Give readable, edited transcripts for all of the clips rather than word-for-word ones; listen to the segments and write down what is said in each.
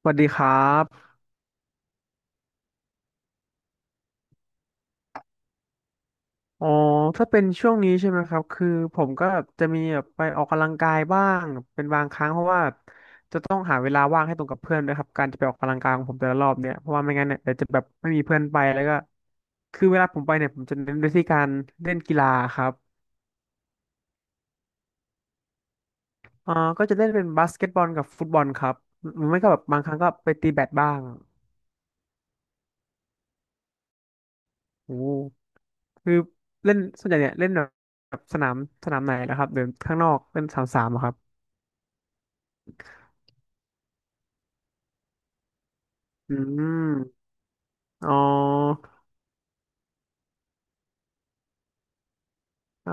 สวัสดีครับอ๋อถ้าเป็นช่วงนี้ใช่ไหมครับคือผมก็แบบจะมีแบบไปออกกำลังกายบ้างเป็นบางครั้งเพราะว่าจะต้องหาเวลาว่างให้ตรงกับเพื่อนด้วยครับการจะไปออกกำลังกายของผมแต่ละรอบเนี่ยเพราะว่าไม่งั้นเนี่ยเดี๋ยวจะแบบไม่มีเพื่อนไปแล้วก็คือเวลาผมไปเนี่ยผมจะเน้นไปที่การเล่นกีฬาครับอ่าก็จะเล่นเป็นบาสเกตบอลกับฟุตบอลครับหรือไม่ก็แบบบางครั้งก็ไปตีแบดบ้างโอ้คือเล่นส่วนใหญ่เนี่ยเล่นแบบสนามสนามไหนนะครับเดินข้างนอกเล่นสนามสามเหรอครับอืม อ๋ออ่า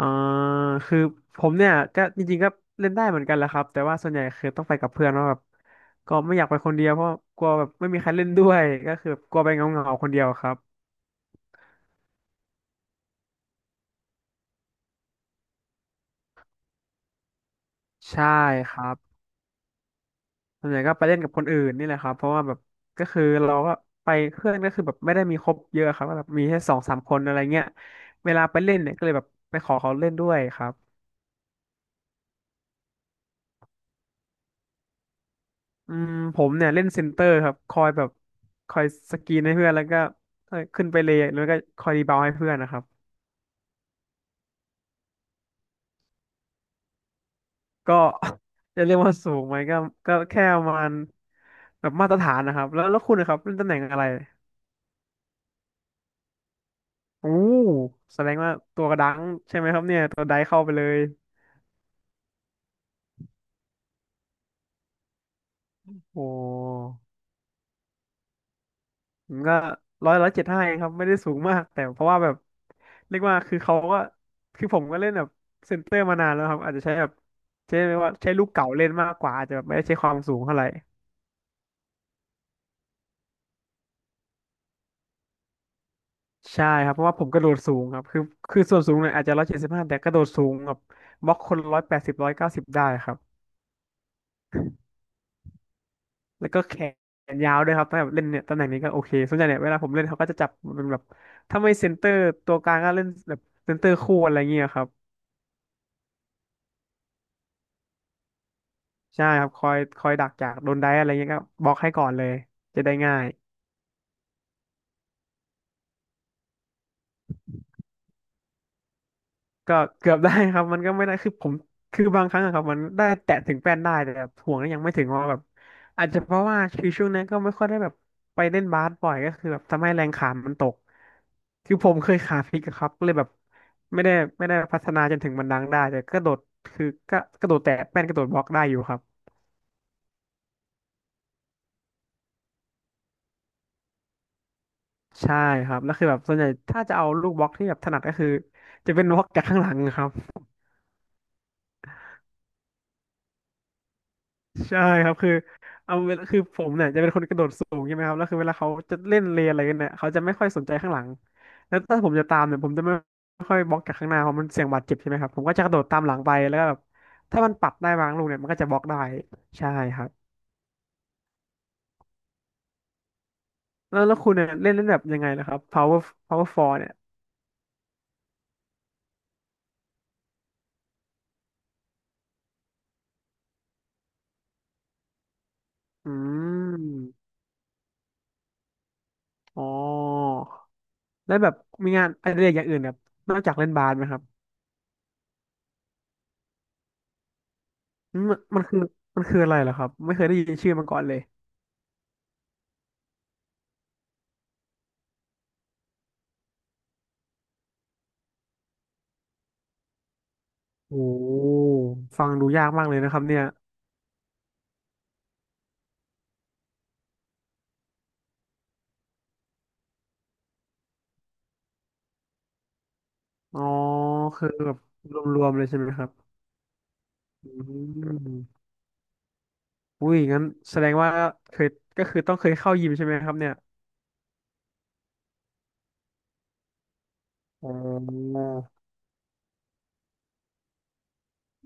คือผมเนี่ยก็จริงๆก็เล่นได้เหมือนกันแหละครับแต่ว่าส่วนใหญ่คือต้องไปกับเพื่อนเพราะแบบก็ไม่อยากไปคนเดียวเพราะกลัวแบบไม่มีใครเล่นด้วยก็คือแบบกลัวไปเหงาๆคนเดียวครับใช่ครับส่วนใหญ่ก็ไปเล่นกับคนอื่นนี่แหละครับเพราะว่าแบบก็คือเราก็ไปเพื่อนก็คือแบบไม่ได้มีครบเยอะครับก็แบบมีแค่สองสามคนอะไรเงี้ยเวลาไปเล่นเนี่ยก็เลยแบบไปขอเขาเล่นด้วยครับ อืมผมเนี่ยเล่นเซนเตอร์ครับคอยแบบคอยสกรีนให้เพื่อนแล้วก็ขึ้นไปเลยแล้วก็คอยรีบาวด์ให้เพื่อนนะครับก็ จะเรียกว่าสูงไหมก็ก็แค่ประมาณแบบมาตรฐานนะครับแล้วคุณนะครับเล่นตำแหน่งอะไรโอ้แสดงว่าตัวกระดังใช่ไหมครับเนี่ยตัวไดเข้าไปเลยโอ้ ผมก็ร้อยเจ็ดห้าเองครับไม่ได้สูงมากแต่เพราะว่าแบบเรียกว่าคือเขาก็คือผมก็เล่นแบบเซนเตอร์มานานแล้วครับอาจจะใช้แบบใช้เรียกว่าใช้ลูกเก่าเล่นมากกว่าอาจจะแบบไม่ได้ใช้ความสูงเท่าไหร่ใช่ครับเพราะว่าผมกระโดดสูงครับคือคือส่วนสูงเนี่ยอาจจะ175แต่กระโดดสูงแบบบล็อกคน180190ได้ครับแล้วก็แขนยาวด้วยครับถ้าแบบเล่นเนี่ยตำแหน่งนี้ก็โอเคส่วนใหญ่เนี่ยเวลาผมเล่นเขาก็จะจับเป็นแบบถ้าไม่เซนเตอร์ตัวกลางก็เล่นแบบเซนเตอร์คู่อะไรเงี้ยครับ ใช่ครับคอยดักจากโดนได้อะไรเงี้ยก็บล็อกให้ก่อนเลยจะได้ง่ายก็เกือบได้ครับมันก็ไม่ได้คือผมคือบางครั้งอะครับมันได้แตะถึงแป้นได้แต่แบบห่วงก็ยังไม่ถึงว่าแบบอาจจะเพราะว่าคือช่วงนั้นก็ไม่ค่อยได้แบบไปเล่นบาสบ่อยก็คือแบบทำให้แรงขามันตกคือผมเคยขาพลิกอะครับก็เลยแบบไม่ได้ไม่ได้พัฒนาจนถึงมันดังได้แต่กระโดดคือก็กระโดดแตะแป้นกระโดดบล็อกได้อยู่ครับใช่ครับแล้วคือแบบส่วนใหญ่ถ้าจะเอาลูกบล็อกที่แบบถนัดก็คือจะเป็นบล็อกจากข้างหลังครับ ใช่ครับคือเอาเวลาคือผมเนี่ยจะเป็นคนกระโดดสูงใช่ไหมครับแล้วคือเวลาเขาจะเล่นเลนอะไรกันเนี่ยเขาจะไม่ค่อยสนใจข้างหลังแล้วถ้าผมจะตามเนี่ยผมจะไม่ค่อยบล็อกจากข้างหน้าเพราะมันเสี่ยงบาดเจ็บใช่ไหมครับผมก็จะกระโดดตามหลังไปแล้วก็แบบถ้ามันปัดได้บางลูกเนี่ยมันก็จะบล็อกได้ใช่ครับแล้วคุณเนี่ยเล่นเล่นแบบยังไงนะครับ power power four เนี่ยอืมอ๋อแล้วแบบมีงานอดิเรกอย่างอื่นแบบนอกจากเล่นบาสไหมครับอืมมันคือมันคืออะไรเหรอครับไม่เคยได้ยินชื่อมาก่อนเลย โอ้ฟังดูยากมากเลยนะครับเนี่ยอ๋อคือแบบรวมๆเลยใช่ไหมครับอืมอุ้ยงั้นแสดงว่าเคยก็คือต้องเคยเข้ายิมใช่ไหมครับเนี่ยอ๋อ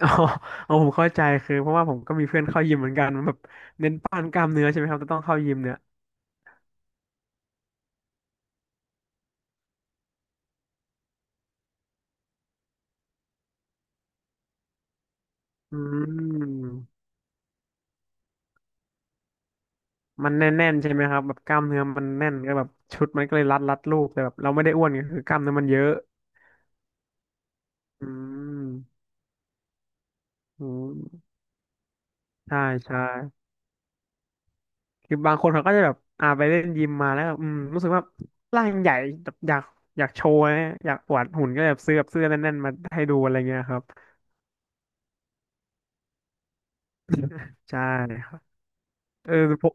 อ๋อเอาผมเข้าใจคือเพราะว่าผมก็มีเพื่อนเข้ายิมเหมือนกันมันแบบเน้นปั้นกล้ามเนื้อใช่ไหมครับแต่ต้องเข้ายิมเนี่ยอืมมันแน่นๆใช่ไหมครับแบบกล้ามเนื้อมันแน่นก็แบบชุดมันก็เลยรัดรูปแต่แบบเราไม่ได้อ้วนไงคือกล้ามเนื้อมันเยอะอืมอืมใช่ใช่ คือบางคนเขาก็จะแบบไปเล่นยิมมาแล้วแบบรู้สึกว่าร่างใหญ่แบบอยากโชว์นะอยากอวดหุ่นก็แบบซื้อแบบเสื้อแน่นๆมาให้ดูอะไรเงี้ยครับ ใช่ครับเออพวก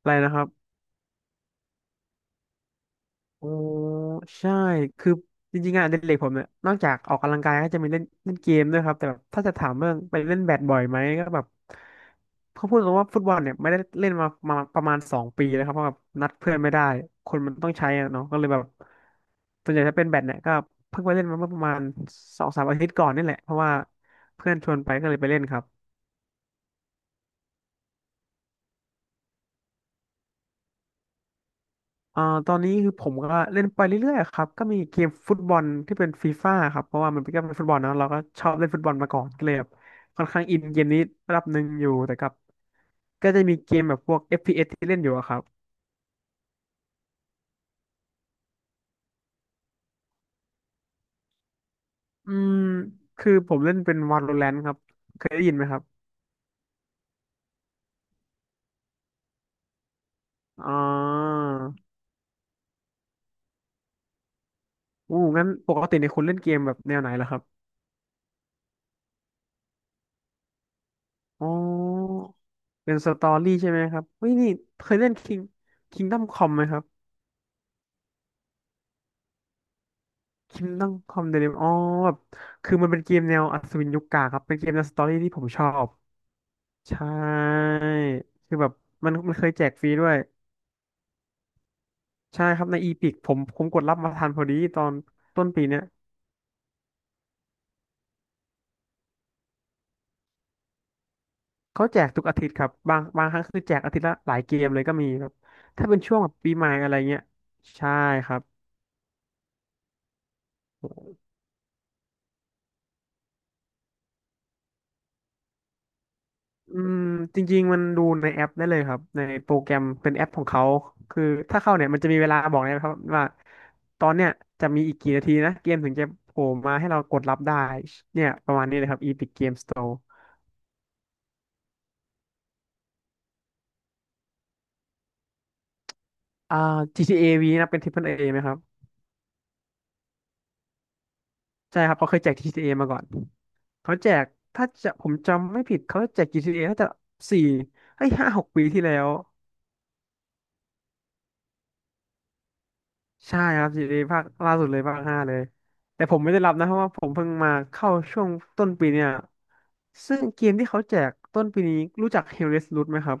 อะไรนะครับ อ๋อใช่คือจริงๆงานอดิเรกผมเนี่ยนอกจากออกกำลังกายก็จะมีเล่นเล่นเกมด้วยครับแต่แบบถ้าจะถามเรื่องไปเล่นแบดบ่อยไหมก็แบบเขาพูดตรงว่าฟุตบอลเนี่ยไม่ได้เล่นมาประมาณสองปีแล้วครับเพราะแบบนัดเพื่อนไม่ได้คนมันต้องใช้อะเนาะก็เลยแบบส่วนใหญ่ถ้าเป็นแบดเนี่ยก็เพิ่งไปเล่นมาเมื่อประมาณสองสามอาทิตย์ก่อนนี่แหละเพราะว่าเพื่อนชวนไปก็เลยไปเล่นครับ อ่าตอนนี้คือผมก็เล่นไปเรื่อยๆครับก็มีเกมฟุตบอลที่เป็นฟีฟ่าครับเพราะว่ามันเป็นก็เป็นฟุตบอลเนอะเราก็ชอบเล่นฟุตบอลมาก่อนก็เลยแบบค่อนข้างอินเกมนี้ระดับหนึ่งอยู่แต่กับก็จะมีเกมแบบพวก FPS ที่เล่นอยู่อะครับอืมคือผมเล่นเป็น Valorant ครับเคยได้ยินไหมครับอ่าอู้งั้นปกติในยคุณเล่นเกมแบบแนวไหนล่ะครับอ๋อเป็นสตอรี่ใช่ไหมครับเฮ้ยนี่เคยเล่น Kingdom Come ไหมครับ คิตดองคอมเดลิมอ๋อแบบคือมันเป็นเกมแนวอัศวินยุคกลางครับเป็นเกมแนวสตอรี่ที่ผมชอบใช่คือแบบมันมันเคยแจกฟรีด้วยใช่ครับในอีพิกผมกดรับมาทันพอดีตอนต้นปีเนี้ยเขาแจกทุกอาทิตย์ครับบางครั้งคือแจกอาทิตย์ละหลายเกมเลยก็มีครับถ้าเป็นช่วงแบบปีใหม่อะไรเงี้ยใช่ครับ อืมจริงๆมันดูในแอปได้เลยครับในโปรแกรมเป็นแอปของเขาคือถ้าเข้าเนี่ยมันจะมีเวลาบอกนะครับว่าตอนเนี้ยจะมีอีกกี่นาทีนะเกมถึงจะโผล่มาให้เรากดรับได้เนี่ยประมาณนี้เลยครับ Epic Game Store อ่า GTA V นะเป็น Triple A ไหมครับใช่ครับเขาเคยแจก GTA มาก่อนเขาแจกถ้าจะผมจำไม่ผิดเขาแจก GTA น่าจะสี่เฮ้ยห้าหกปีที่แล้ว ใช่ครับซีรีส์ภาคล่าสุดเลยภาคห้าเลยแต่ผมไม่ได้รับนะเพราะว่าผมเพิ่งมาเข้าช่วงต้นปีเนี่ยซึ่งเกมที่เขาแจกต้นปีนี้รู้จัก Hell's Root ไหมครับ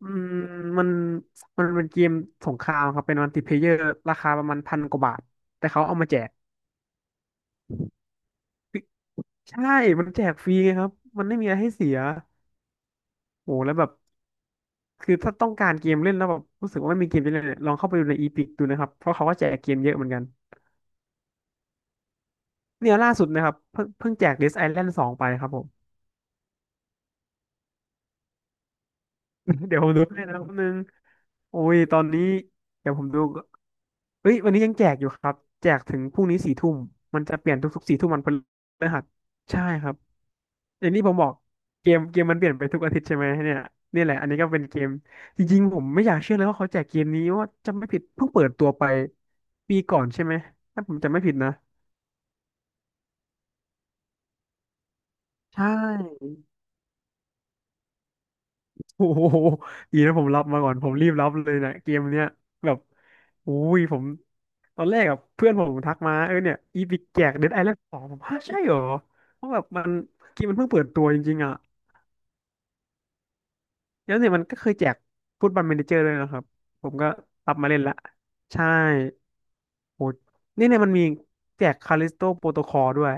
อืมมันมันเป็นเกมสงครามครับเป็นมัลติเพลเยอร์ราคาประมาณพันกว่าบาทแต่เขาเอามาแจกใช่ มันแจกฟรีไงครับมันไม่มีอะไรให้เสียโอ้แล้วแบบคือถ้าต้องการเกมเล่นแล้วแบบรู้สึกว่าไม่มีเกมจะเล่นเนี่ยลองเข้าไปดูในอีพิกดูนะครับเพราะเขาก็แจกเกมเยอะเหมือนกันเนี่ยล่าสุดนะครับเพิ่งแจก Dead Island สองไปครับผม เดี๋ยวผมดูให้นะครับแป๊บนึงโอ้ยตอนนี้เดี๋ยวผมดูก่อนเอ้ยวันนี้ยังแจกอยู่ครับแจกถึงพรุ่งนี้สี่ทุ่มมันจะเปลี่ยนทุกๆสี่ทุ่มวันพฤหัสใช่ครับอย่างที่ผมบอกเกมมันเปลี่ยนไปทุกอาทิตย์ใช่ไหมเนี่ยนี่แหละอันนี้ก็เป็นเกมจริงๆผมไม่อยากเชื่อเลยว่าเขาแจกเกมนี้ว่าจะไม่ผิดเพิ่งเปิดตัวไปปีก่อนใช่ไหมถ้าผมจะไม่ผิดนะใช่ โอ้โหดีนะผมรับมาก่อนผมรีบรับเลยนะเกมเนี้ยแบบอุ้ยผมตอนแรกอะเพื่อนผมทักมาเออเนี่ยอีพิกแจกเดดไอแลนด์สองผมฮะใช่เหรอเพราะแบบมันเกมมันเพิ่งเปิดตัวจริงๆอ่ะแล้วเนี่ยมันก็เคยแจกฟุตบอล m มเนเจอร์ด้วยนะครับผมก็รับมาเล่นละใช่โหนี่เนี่ยมันมีแจกคาลิสโตโปรโตคอลด้วย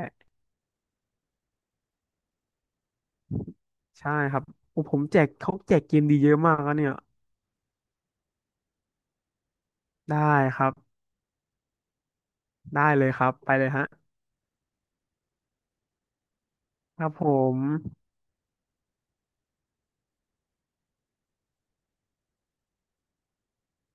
ใช่ครับโอ้ผมแจกเขาแจกเกมดีเยอะมากนะเนี่ยได้ครับได้เลยครับไปเลยฮะครับผม